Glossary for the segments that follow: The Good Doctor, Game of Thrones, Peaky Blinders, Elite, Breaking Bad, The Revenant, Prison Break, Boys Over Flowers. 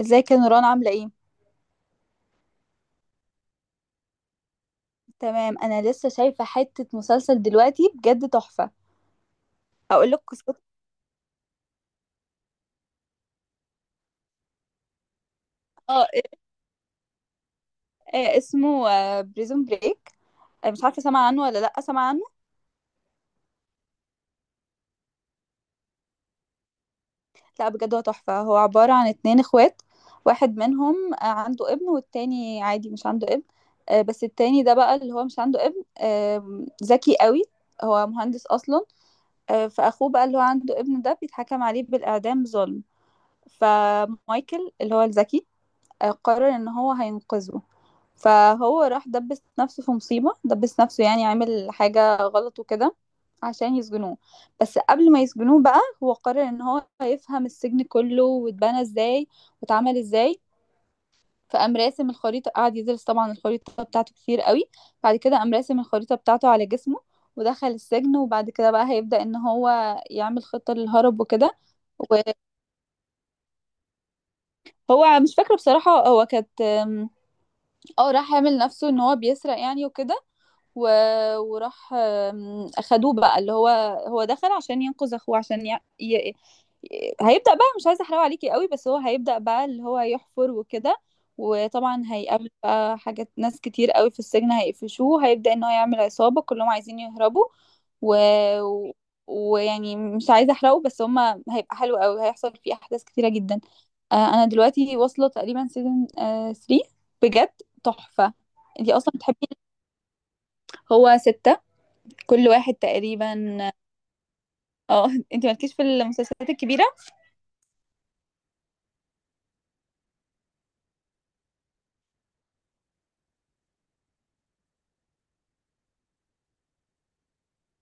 ازيك يا نوران عاملة ايه؟ تمام، انا لسه شايفة حتة مسلسل دلوقتي بجد تحفة. اقول لك قصته. اه. اسمه بريزون بريك. مش عارفة سامعة عنه ولا لا سامعة عنه. لا بجد هو تحفة، هو عبارة عن اتنين اخوات. واحد منهم عنده ابن والتاني عادي مش عنده ابن. بس التاني ده بقى اللي هو مش عنده ابن ذكي قوي، هو مهندس اصلا. فاخوه بقى اللي هو عنده ابن ده بيتحكم عليه بالاعدام ظلم. فمايكل اللي هو الذكي قرر ان هو هينقذه. فهو راح دبس نفسه في مصيبة، دبس نفسه يعني عامل حاجة غلط وكده عشان يسجنوه. بس قبل ما يسجنوه بقى هو قرر ان هو هيفهم السجن كله واتبنى ازاي واتعمل ازاي. فقام راسم الخريطة، قعد يدرس طبعا الخريطة بتاعته كتير قوي. بعد كده قام راسم الخريطة بتاعته على جسمه ودخل السجن. وبعد كده بقى هيبدأ ان هو يعمل خطة للهرب وكده. وهو مش فاكرة بصراحة، هو كانت اه راح يعمل نفسه ان هو بيسرق يعني وكده. و... وراح اخدوه بقى اللي هو، هو دخل عشان ينقذ اخوه عشان هيبدأ بقى، مش عايزة احرقه عليكي قوي، بس هو هيبدأ بقى اللي هو يحفر وكده. وطبعا هيقابل بقى حاجات، ناس كتير قوي في السجن هيقفشوه، هيبدأ ان هو يعمل عصابة كلهم عايزين يهربوا. و... و- ويعني مش عايزة احرقه، بس هما هيبقى حلو قوي، هيحصل فيه احداث كتيرة جدا. انا دلوقتي واصلة تقريبا سيزون 3. بجد تحفة. انتي اصلا بتحبي. هو ستة، كل واحد تقريبا. اه. انت مالكيش في المسلسلات الكبيرة.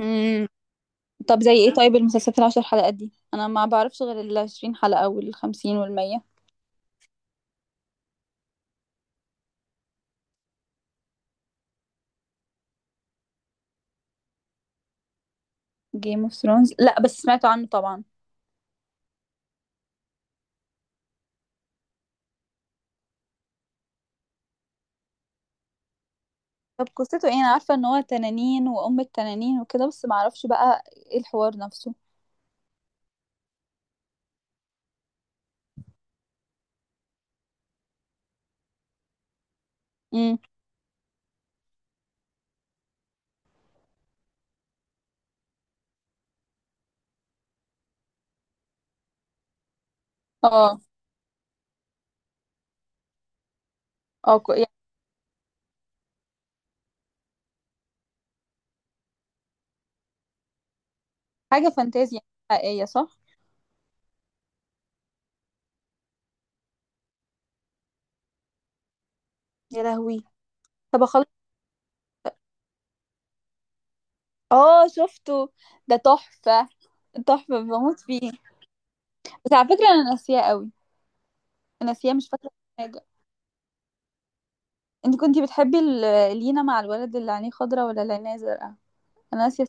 امم. طب زي ايه طيب؟ المسلسلات العشر حلقات دي انا ما بعرفش غير العشرين حلقة والخمسين والمية. جيم اوف ثرونز لا بس سمعت عنه طبعا. طب قصته ايه؟ انا عارفة ان هو تنانين وام التنانين وكده بس ما اعرفش بقى ايه الحوار نفسه. امم. اه. اه يعني. حاجة فانتازيا حقيقية صح؟ يا لهوي. طب اخلص. اه شفته. ده تحفة. تحفة بموت فيه. بس على فكرة انا ناسياه قوي. انا ناسياه مش فاكرة حاجة. انت كنتي بتحبي لينا مع الولد اللي عينيه خضرا ولا اللي عينيه زرقاء؟ انا ناسيه.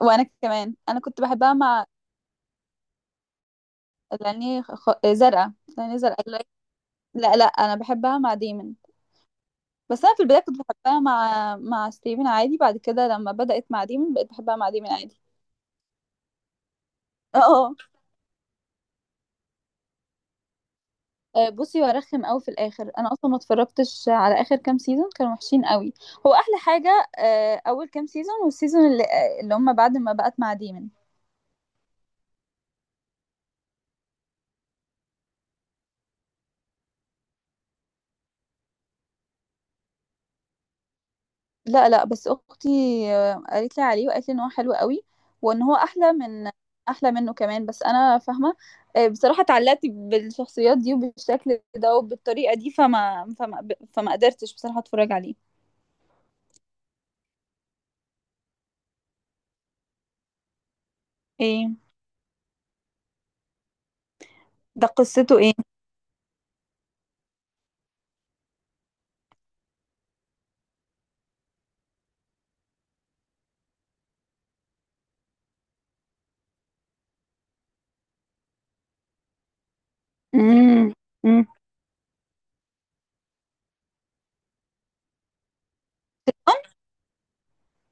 وانا كمان انا كنت بحبها مع اللي عينيه خ... آه، زرقاء، اللي عينيه زرقاء لا لا، انا بحبها مع ديمن. بس انا في البدايه كنت بحبها مع ستيفن عادي، بعد كده لما بدات مع ديمن بقيت بحبها مع ديمن عادي. اه. بصي وارخم قوي في الاخر، انا اصلا ما اتفرجتش على اخر كام سيزون كانوا وحشين قوي. هو احلى حاجه اول كام سيزون والسيزون اللي هم بعد ما بقت مع ديمن. لا لا، بس اختي قالت لي عليه وقالت لي ان هو حلو قوي وان هو احلى من احلى منه كمان. بس انا فاهمه. بصراحه اتعلقت بالشخصيات دي وبالشكل ده وبالطريقه دي فما قدرتش بصراحه اتفرج عليه. ايه ده؟ قصته ايه؟ امم. امم.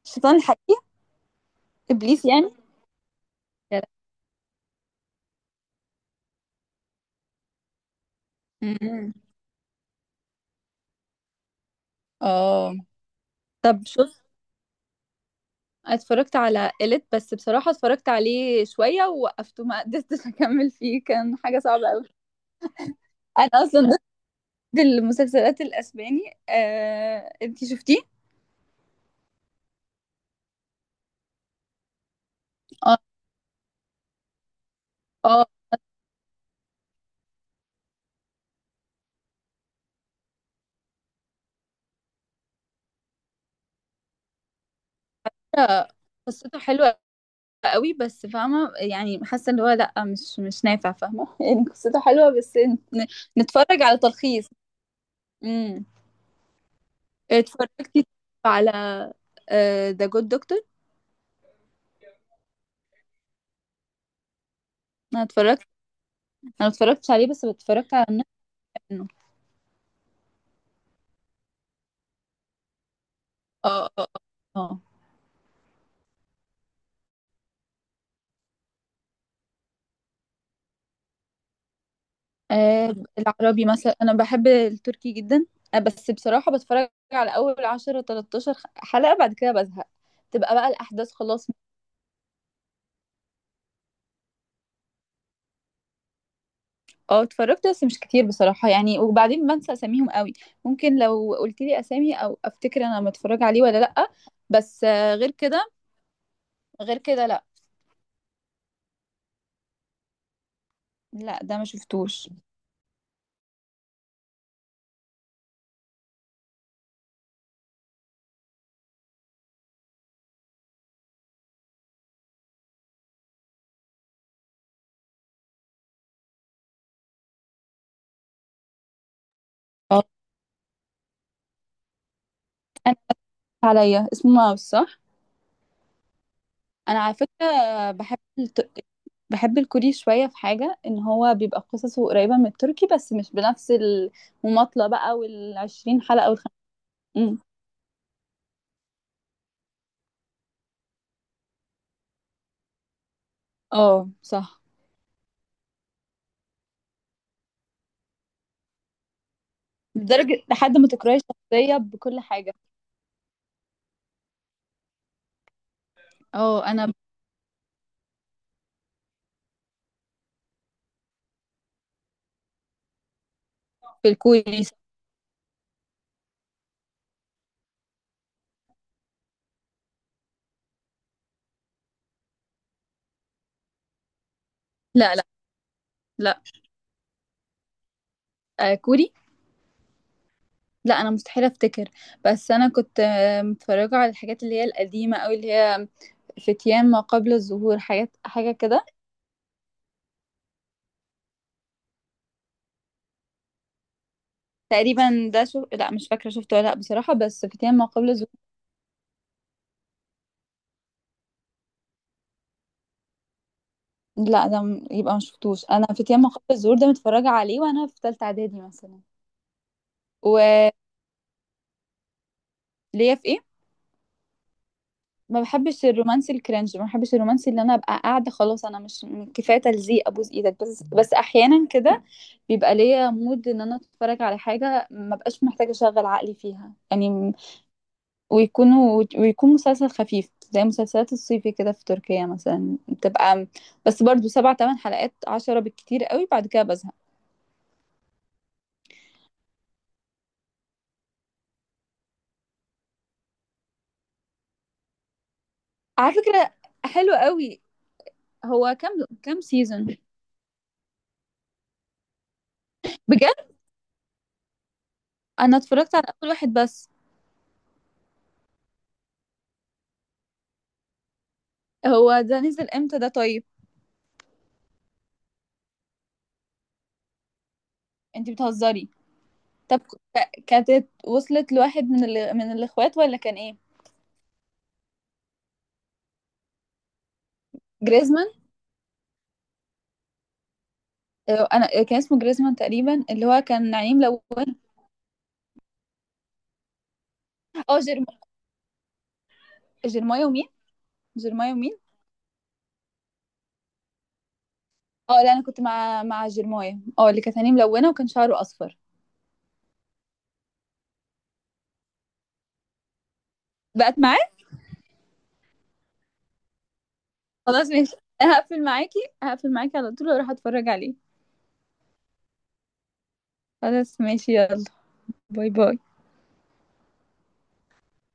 الشيطان الحقيقي. ابليس يعني. لا، لا. امم. اه. طب شوف، اتفرجت على إليت بس بصراحة اتفرجت عليه شوية ووقفته، ما قدرتش أكمل فيه، كان حاجة صعبة أوي. أنا أصلا المسلسلات الاسباني انتي شفتيه؟ اه اه. لا، قصته حلوة قوي بس فاهمة يعني، حاسة ان هو لا مش نافع فاهمة. يعني قصته حلوة بس. ن- نتفرج على تلخيص. امم. اتفرجت على ذا جود دكتور. انا اتفرجت. انا ما اتفرجتش عليه بس اتفرجت على النص منه. اه اه. اه. العربي مثلا انا بحب التركي جدا. آه بس بصراحة بتفرج على اول 10 13 حلقة بعد كده بزهق. تبقى بقى الاحداث خلاص. اه اتفرجت بس مش كتير بصراحة يعني، وبعدين بنسى اساميهم قوي. ممكن لو قلت لي اسامي او افتكر انا متفرج عليه ولا لا. بس آه غير كده، غير كده لا. لا ده ما شفتوش. اه انا آسف عليا، اسمه ماوس صح. انا على فكرة بحب الكوري شوية، في حاجة ان هو بيبقى قصصه قريبة من التركي بس مش بنفس المماطلة بقى والعشرين حلقة مم. اه صح. لدرجة لحد ما تكرهي الشخصية بكل حاجة. اه، انا في الكوري. لا لا لا. آه كوري. لا انا مستحيل افتكر. بس انا كنت متفرجة على الحاجات اللي هي القديمة او اللي هي فتيان ما قبل الظهور، حاجات حاجة كده. تقريبا ده شو، لا مش فاكرة شفته ولا لا بصراحة. بس فتيان ما قبل الظهور، لا ده يبقى ما شفتوش. انا في ياما خط الزهور ده متفرجه عليه وانا في ثالثه اعدادي مثلا. وليا في ايه؟ ما بحبش الرومانسي الكرنج، ما بحبش الرومانسي اللي انا ابقى قاعده خلاص انا مش، كفايه تلزيق ابوس ايدك. بس بس احيانا كده بيبقى ليا مود ان انا اتفرج على حاجه ما بقاش محتاجه اشغل عقلي فيها يعني ويكون مسلسل خفيف زي مسلسلات الصيفي كده في تركيا مثلا بتبقى بس برضو 7 8 حلقات 10 بالكتير قوي بعد كده بزهق. على فكره حلو قوي. هو كام سيزون؟ بجد انا اتفرجت على اول واحد بس. هو ده نزل امتى ده طيب؟ انتي بتهزري. طب كانت وصلت لواحد من من الاخوات ولا كان ايه؟ جريزمان. انا كان اسمه جريزمان تقريبا اللي هو كان نعيم لون. اه جيرمايا ومين؟ جيرمايا ومين؟ اه لا، انا كنت مع جيرمايا، اه اللي كانت عينيه ملونه وكان شعره اصفر. بقت معاه. خلاص ماشي، هقفل معاكي، هقفل معاكي على طول واروح اتفرج عليه. خلاص ماشي يلا. باي باي.